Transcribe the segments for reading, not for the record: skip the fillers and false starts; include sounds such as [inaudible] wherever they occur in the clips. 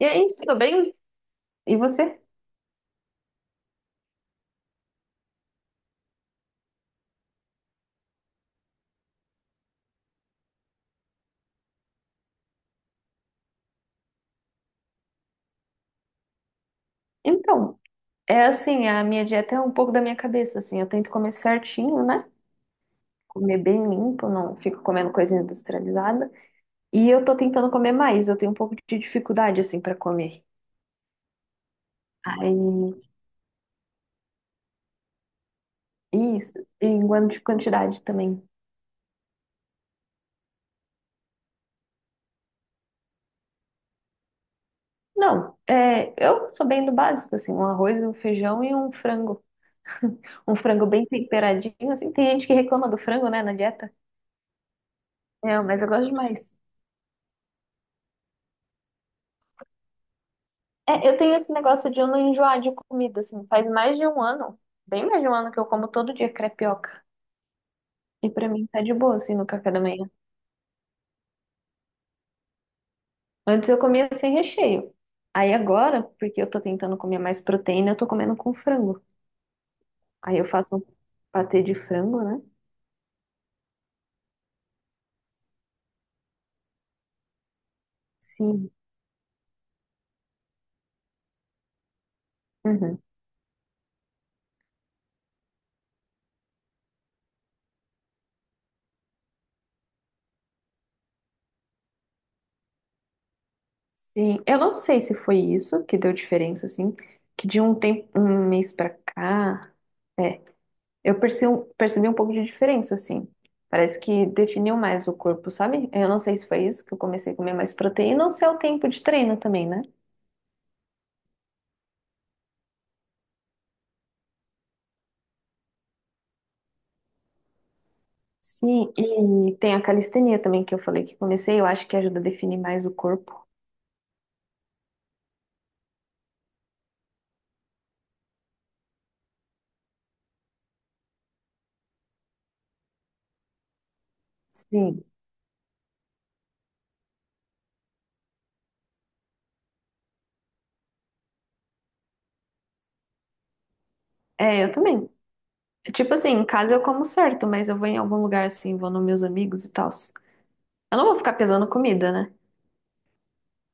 E aí, tudo bem? E você? Então, é assim, a minha dieta é um pouco da minha cabeça, assim, eu tento comer certinho, né? Comer bem limpo, não fico comendo coisa industrializada. E eu tô tentando comer mais, eu tenho um pouco de dificuldade, assim, pra comer. Aí, isso, e em quanto de quantidade também. Não, é, eu sou bem do básico, assim, um arroz, um feijão e um frango. [laughs] Um frango bem temperadinho, assim, tem gente que reclama do frango, né, na dieta. É, mas eu gosto demais. É, eu tenho esse negócio de eu não enjoar de comida, assim, faz mais de um ano, bem mais de um ano que eu como todo dia crepioca. E pra mim tá de boa, assim, no café da manhã. Antes eu comia sem recheio. Aí agora, porque eu tô tentando comer mais proteína, eu tô comendo com frango. Aí eu faço um patê de frango, né? Sim. Uhum. Sim. Eu não sei se foi isso que deu diferença, assim, que de um tempo, um mês pra cá. é, Eu percebi um pouco de diferença, assim. Parece que definiu mais o corpo, sabe? Eu não sei se foi isso que eu comecei a comer mais proteína ou se é o tempo de treino também, né? Sim, e tem a calistenia também que eu falei que comecei, eu acho que ajuda a definir mais o corpo. Sim. É, eu também. Tipo assim, em casa eu como certo, mas eu vou em algum lugar assim, vou nos meus amigos e tal. Eu não vou ficar pesando comida, né?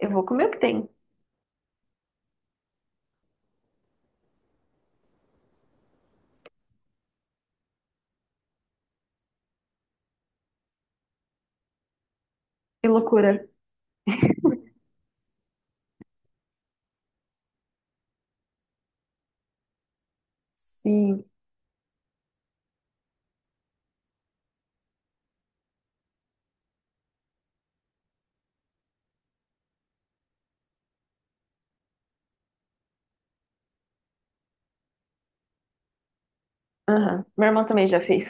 Eu vou comer o que tem. Que loucura. Sim. Aham. Meu irmão também já fez.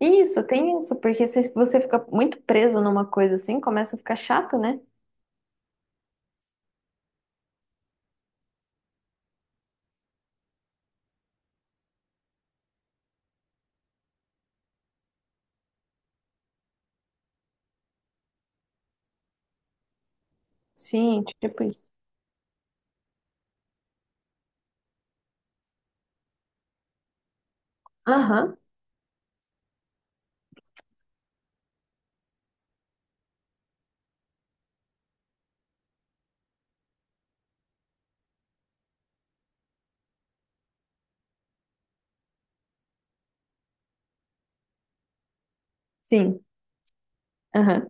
Isso, tem isso, porque se você fica muito preso numa coisa assim, começa a ficar chato, né? Sim, tipo isso. Aham, sim, aham,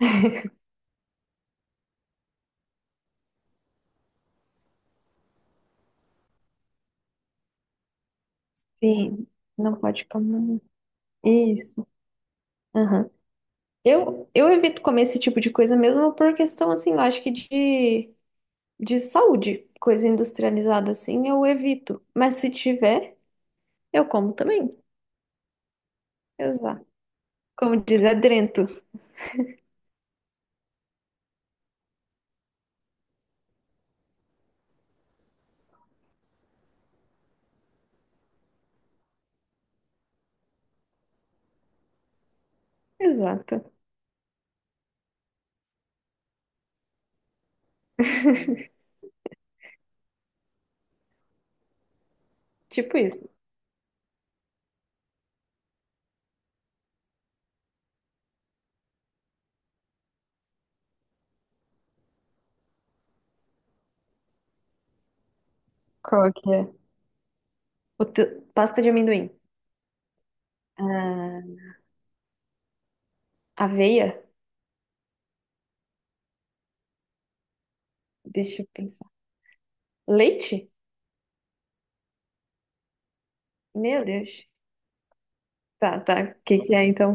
[laughs] sim. Não pode comer. Isso, aham. Eu evito comer esse tipo de coisa mesmo por questão, assim, eu acho que de saúde, coisa industrializada assim, eu evito. Mas se tiver, eu como também. Exato. Como diz, adrento. Exato. Tipo isso. Qual que é? Pasta de amendoim. Ah, Aveia? Deixa eu pensar. Leite? Meu Deus. Tá, tá. O que que é então?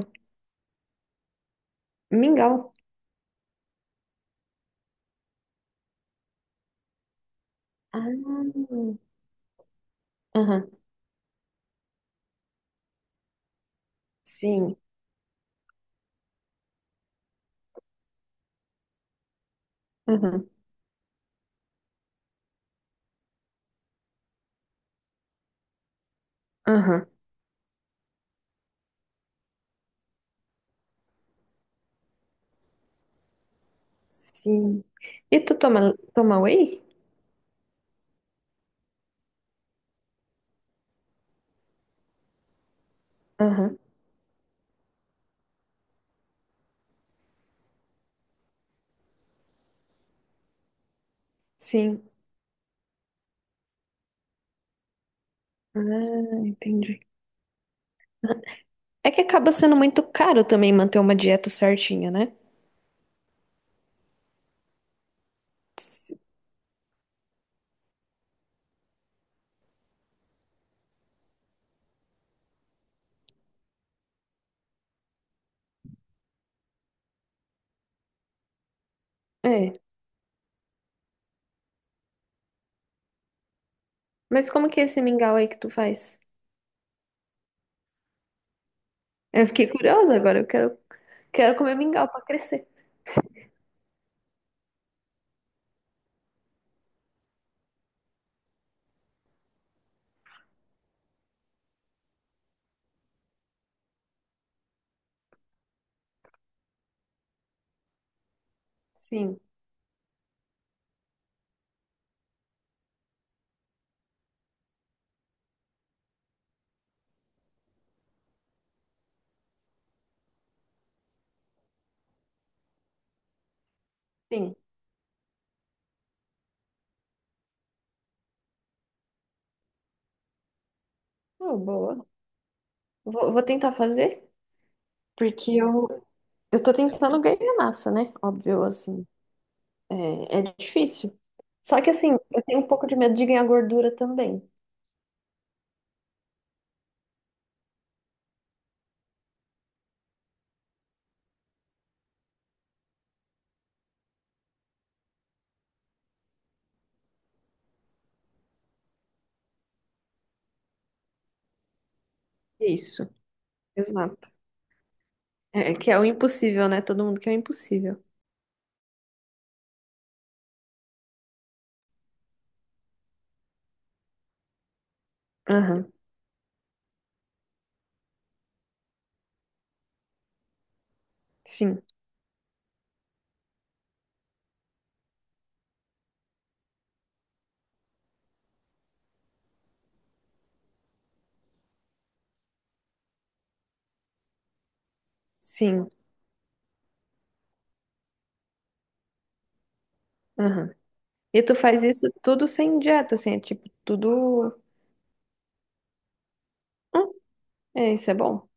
Mingau. Ah, aham. Sim. Aham. Aham. Sim. E tu toma whey? Aham. Sim. Ah, entendi. É que acaba sendo muito caro também manter uma dieta certinha, né? É. Mas como que é esse mingau aí que tu faz? Eu fiquei curiosa agora. Quero comer mingau pra crescer. Sim, sim. Oh, boa. Vou tentar fazer. Porque eu, eu tô tentando ganhar massa, né? Óbvio, assim, é difícil. Só que, assim, eu tenho um pouco de medo de ganhar gordura também. Isso, exato. É, é que é o impossível, né? Todo mundo quer o impossível. Aham, sim, sim, aham. E tu faz isso tudo sem dieta, assim, é tipo, tudo... Hum, é, isso é bom,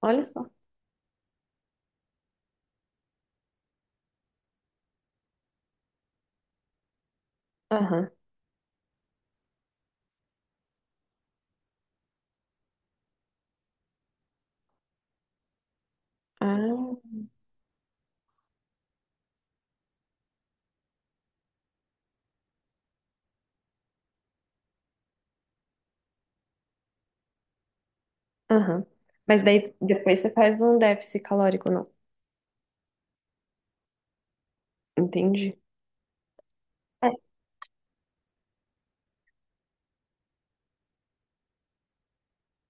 olha só. Aham, ah, aham. Mas daí, depois você faz um déficit calórico, não? Entendi. É,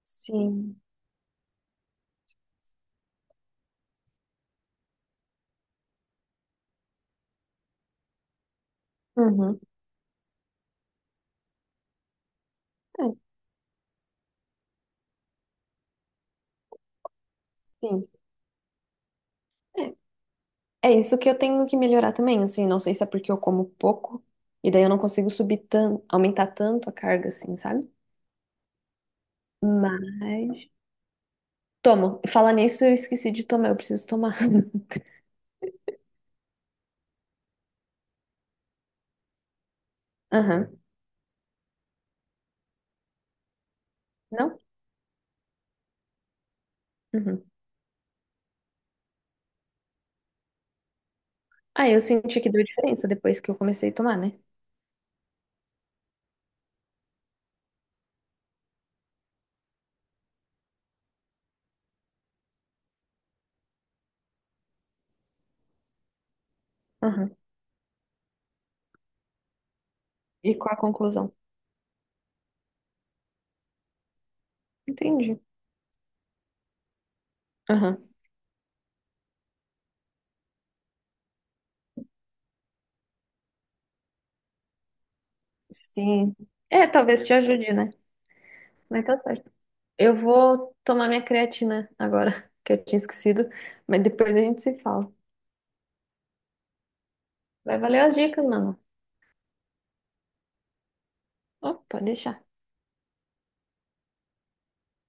sim. Uhum. É, sim. É isso que eu tenho que melhorar também, assim, não sei se é porque eu como pouco e daí eu não consigo subir tanto, aumentar tanto a carga, assim, sabe? Mas tomo. Falar nisso, eu esqueci de tomar, eu preciso tomar. [laughs] Aham. Não? Uhum. Ah, eu senti que deu diferença depois que eu comecei a tomar, né? Aham. E qual a conclusão? Entendi. Aham. Sim. É, talvez te ajude, né? Mas tá certo. Eu vou tomar minha creatina agora, [laughs] que eu tinha esquecido, mas depois a gente se fala. Vai valer as dicas, mano. Oh, pode deixar.